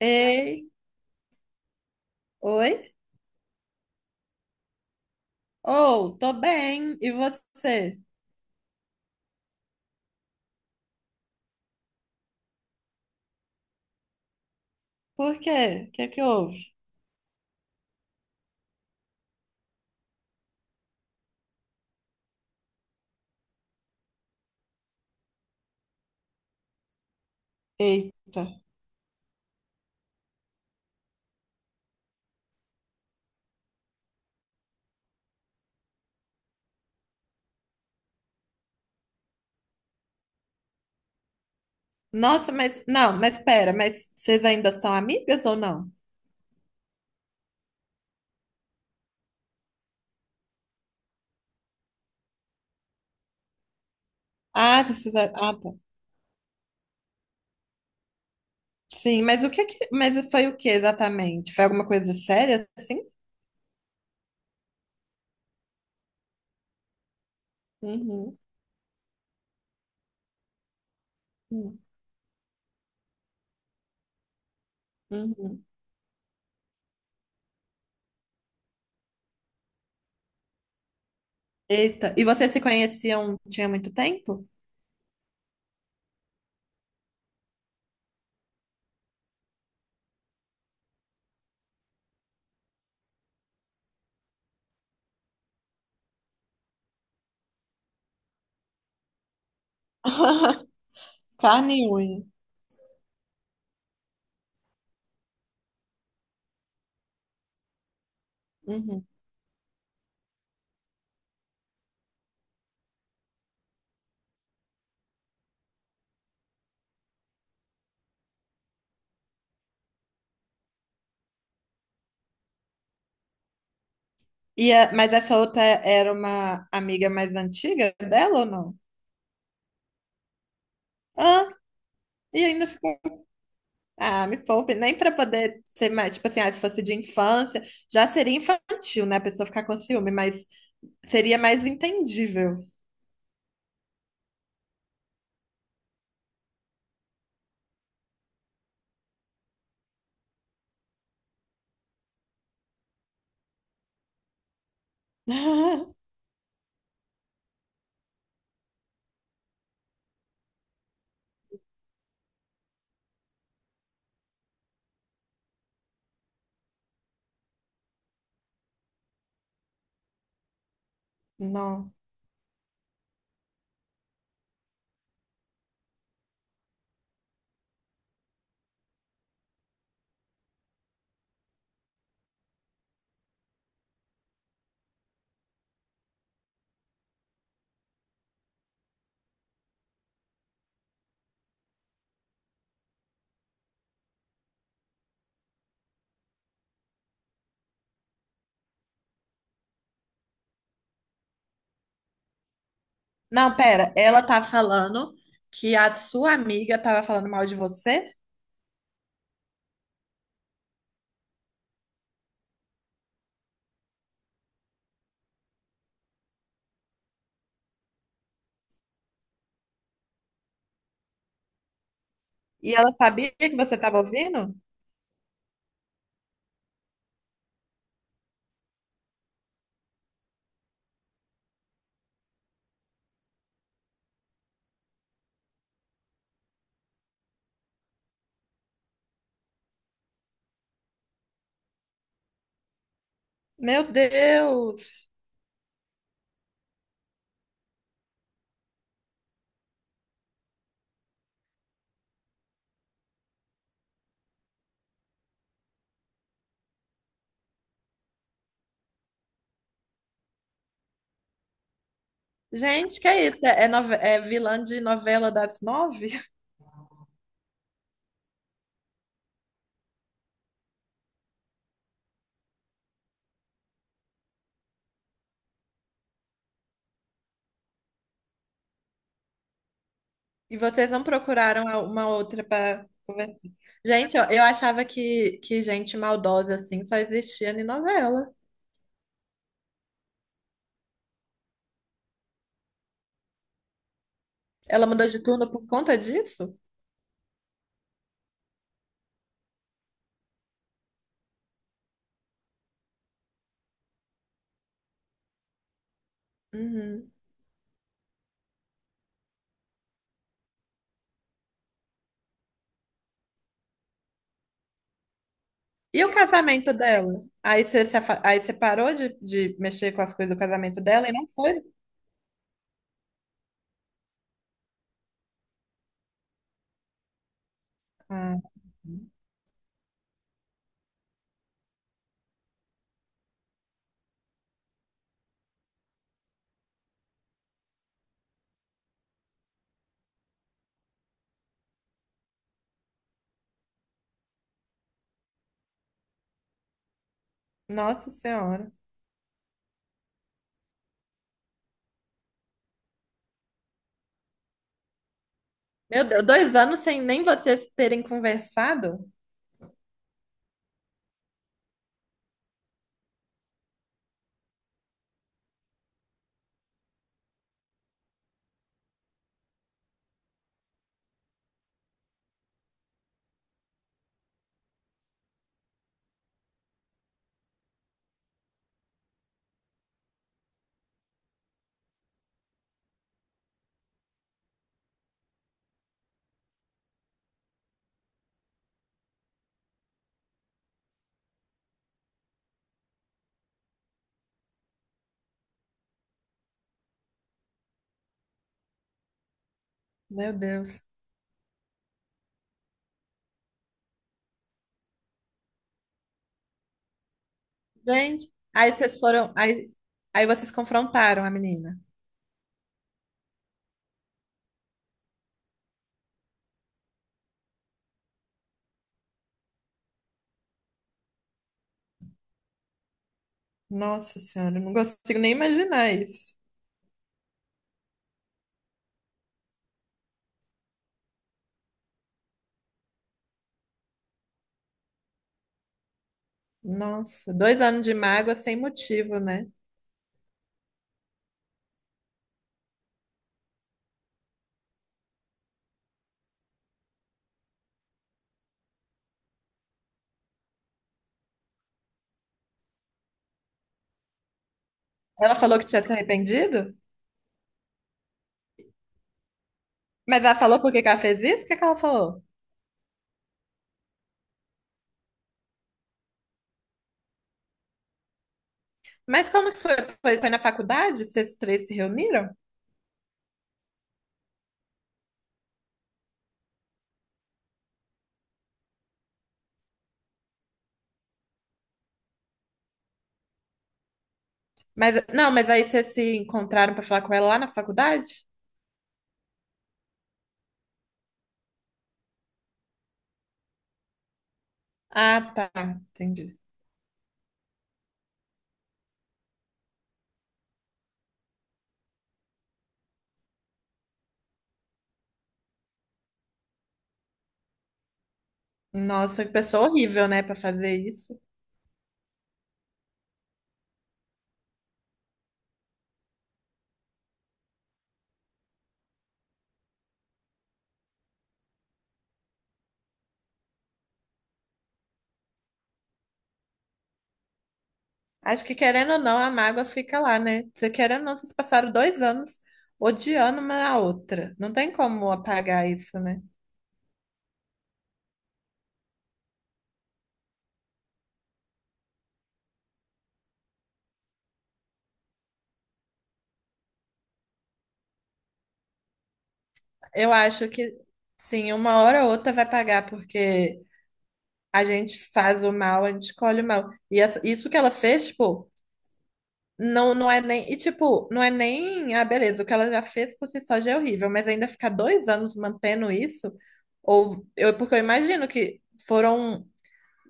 Ei, oi? Ou, tô bem, e você? Por quê? O que é que houve? Eita. Nossa, mas, não, mas pera, mas vocês ainda são amigas ou não? Ah, vocês fizeram, ah, tá. Sim, mas foi o que exatamente? Foi alguma coisa séria, assim? Uhum, uhum, uhum. Eita, e vocês se conheciam, tinha muito tempo? Carne e unha. Uhum. E mas essa outra era uma amiga mais antiga dela ou não? Ah, e ainda ficou. Ah, me poupe, nem para poder ser mais, tipo assim, ah, se fosse de infância, já seria infantil, né, a pessoa ficar com ciúme, mas seria mais entendível. Não. Não, pera, ela tá falando que a sua amiga tava falando mal de você e ela sabia que você tava ouvindo? Meu Deus! Gente, que é isso? É vilã de novela das nove? E vocês não procuraram uma outra para conversar? Gente, ó, eu achava que gente maldosa assim só existia em novela. Ela mudou de turno por conta disso? Uhum. E o casamento dela? Aí você, se afa- aí você parou de mexer com as coisas do casamento dela e não foi? Ah, nossa Senhora. Meu Deus, 2 anos sem nem vocês terem conversado? Meu Deus. Gente, aí vocês foram. Aí vocês confrontaram a menina. Nossa senhora, eu não consigo nem imaginar isso. Nossa, 2 anos de mágoa sem motivo, né? Ela falou que tinha se arrependido? Mas ela falou por que que ela fez isso? O que que ela falou? Mas como que foi? Foi, foi na faculdade? Que vocês três se reuniram? Mas, não, mas aí vocês se encontraram pra falar com ela lá na faculdade? Ah, tá, entendi. Nossa, que pessoa horrível, né, pra fazer isso. Acho que querendo ou não, a mágoa fica lá, né? Você querendo ou não, vocês passaram 2 anos odiando uma a outra. Não tem como apagar isso, né? Eu acho que sim, uma hora ou outra vai pagar, porque a gente faz o mal, a gente escolhe o mal. E isso que ela fez, tipo. Não, não é nem. E tipo, não é nem. Ah, beleza, o que ela já fez por si só já é horrível, mas ainda ficar 2 anos mantendo isso, ou eu, porque eu imagino que foram.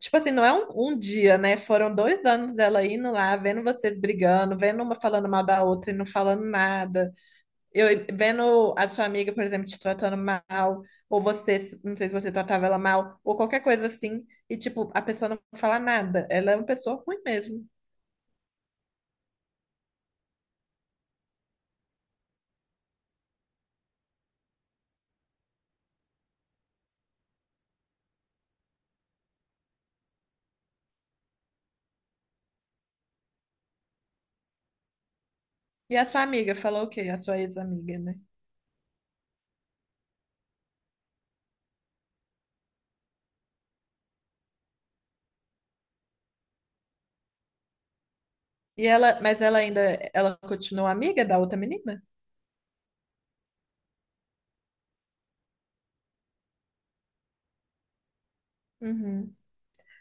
Tipo assim, não é um dia, né? Foram 2 anos dela indo lá, vendo vocês brigando, vendo uma falando mal da outra e não falando nada. Eu vendo a sua amiga, por exemplo, te tratando mal, ou você, não sei se você tratava ela mal, ou qualquer coisa assim, e tipo, a pessoa não fala nada. Ela é uma pessoa ruim mesmo. E a sua amiga falou o quê? A sua ex-amiga, né? E ela, mas ela ainda, ela continua amiga da outra menina? Uhum.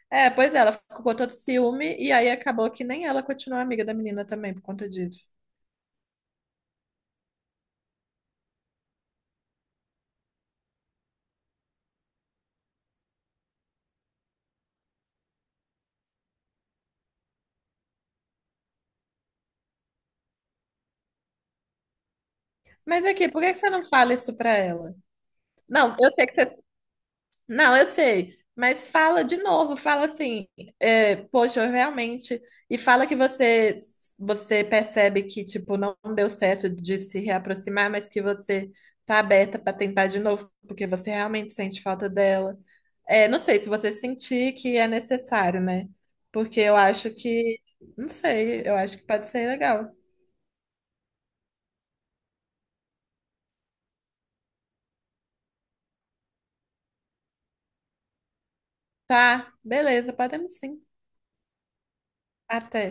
É, pois é, ela ficou com todo ciúme e aí acabou que nem ela continua amiga da menina também por conta disso. Mas aqui, por que que você não fala isso pra ela? Não, eu sei que você Não, eu sei, mas fala de novo, fala assim, é, poxa, eu realmente, e fala que você percebe que tipo não deu certo de se reaproximar, mas que você tá aberta para tentar de novo, porque você realmente sente falta dela. É, não sei se você sentir que é necessário, né? Porque eu acho que, não sei, eu acho que pode ser legal. Tá, beleza, podemos sim. Até.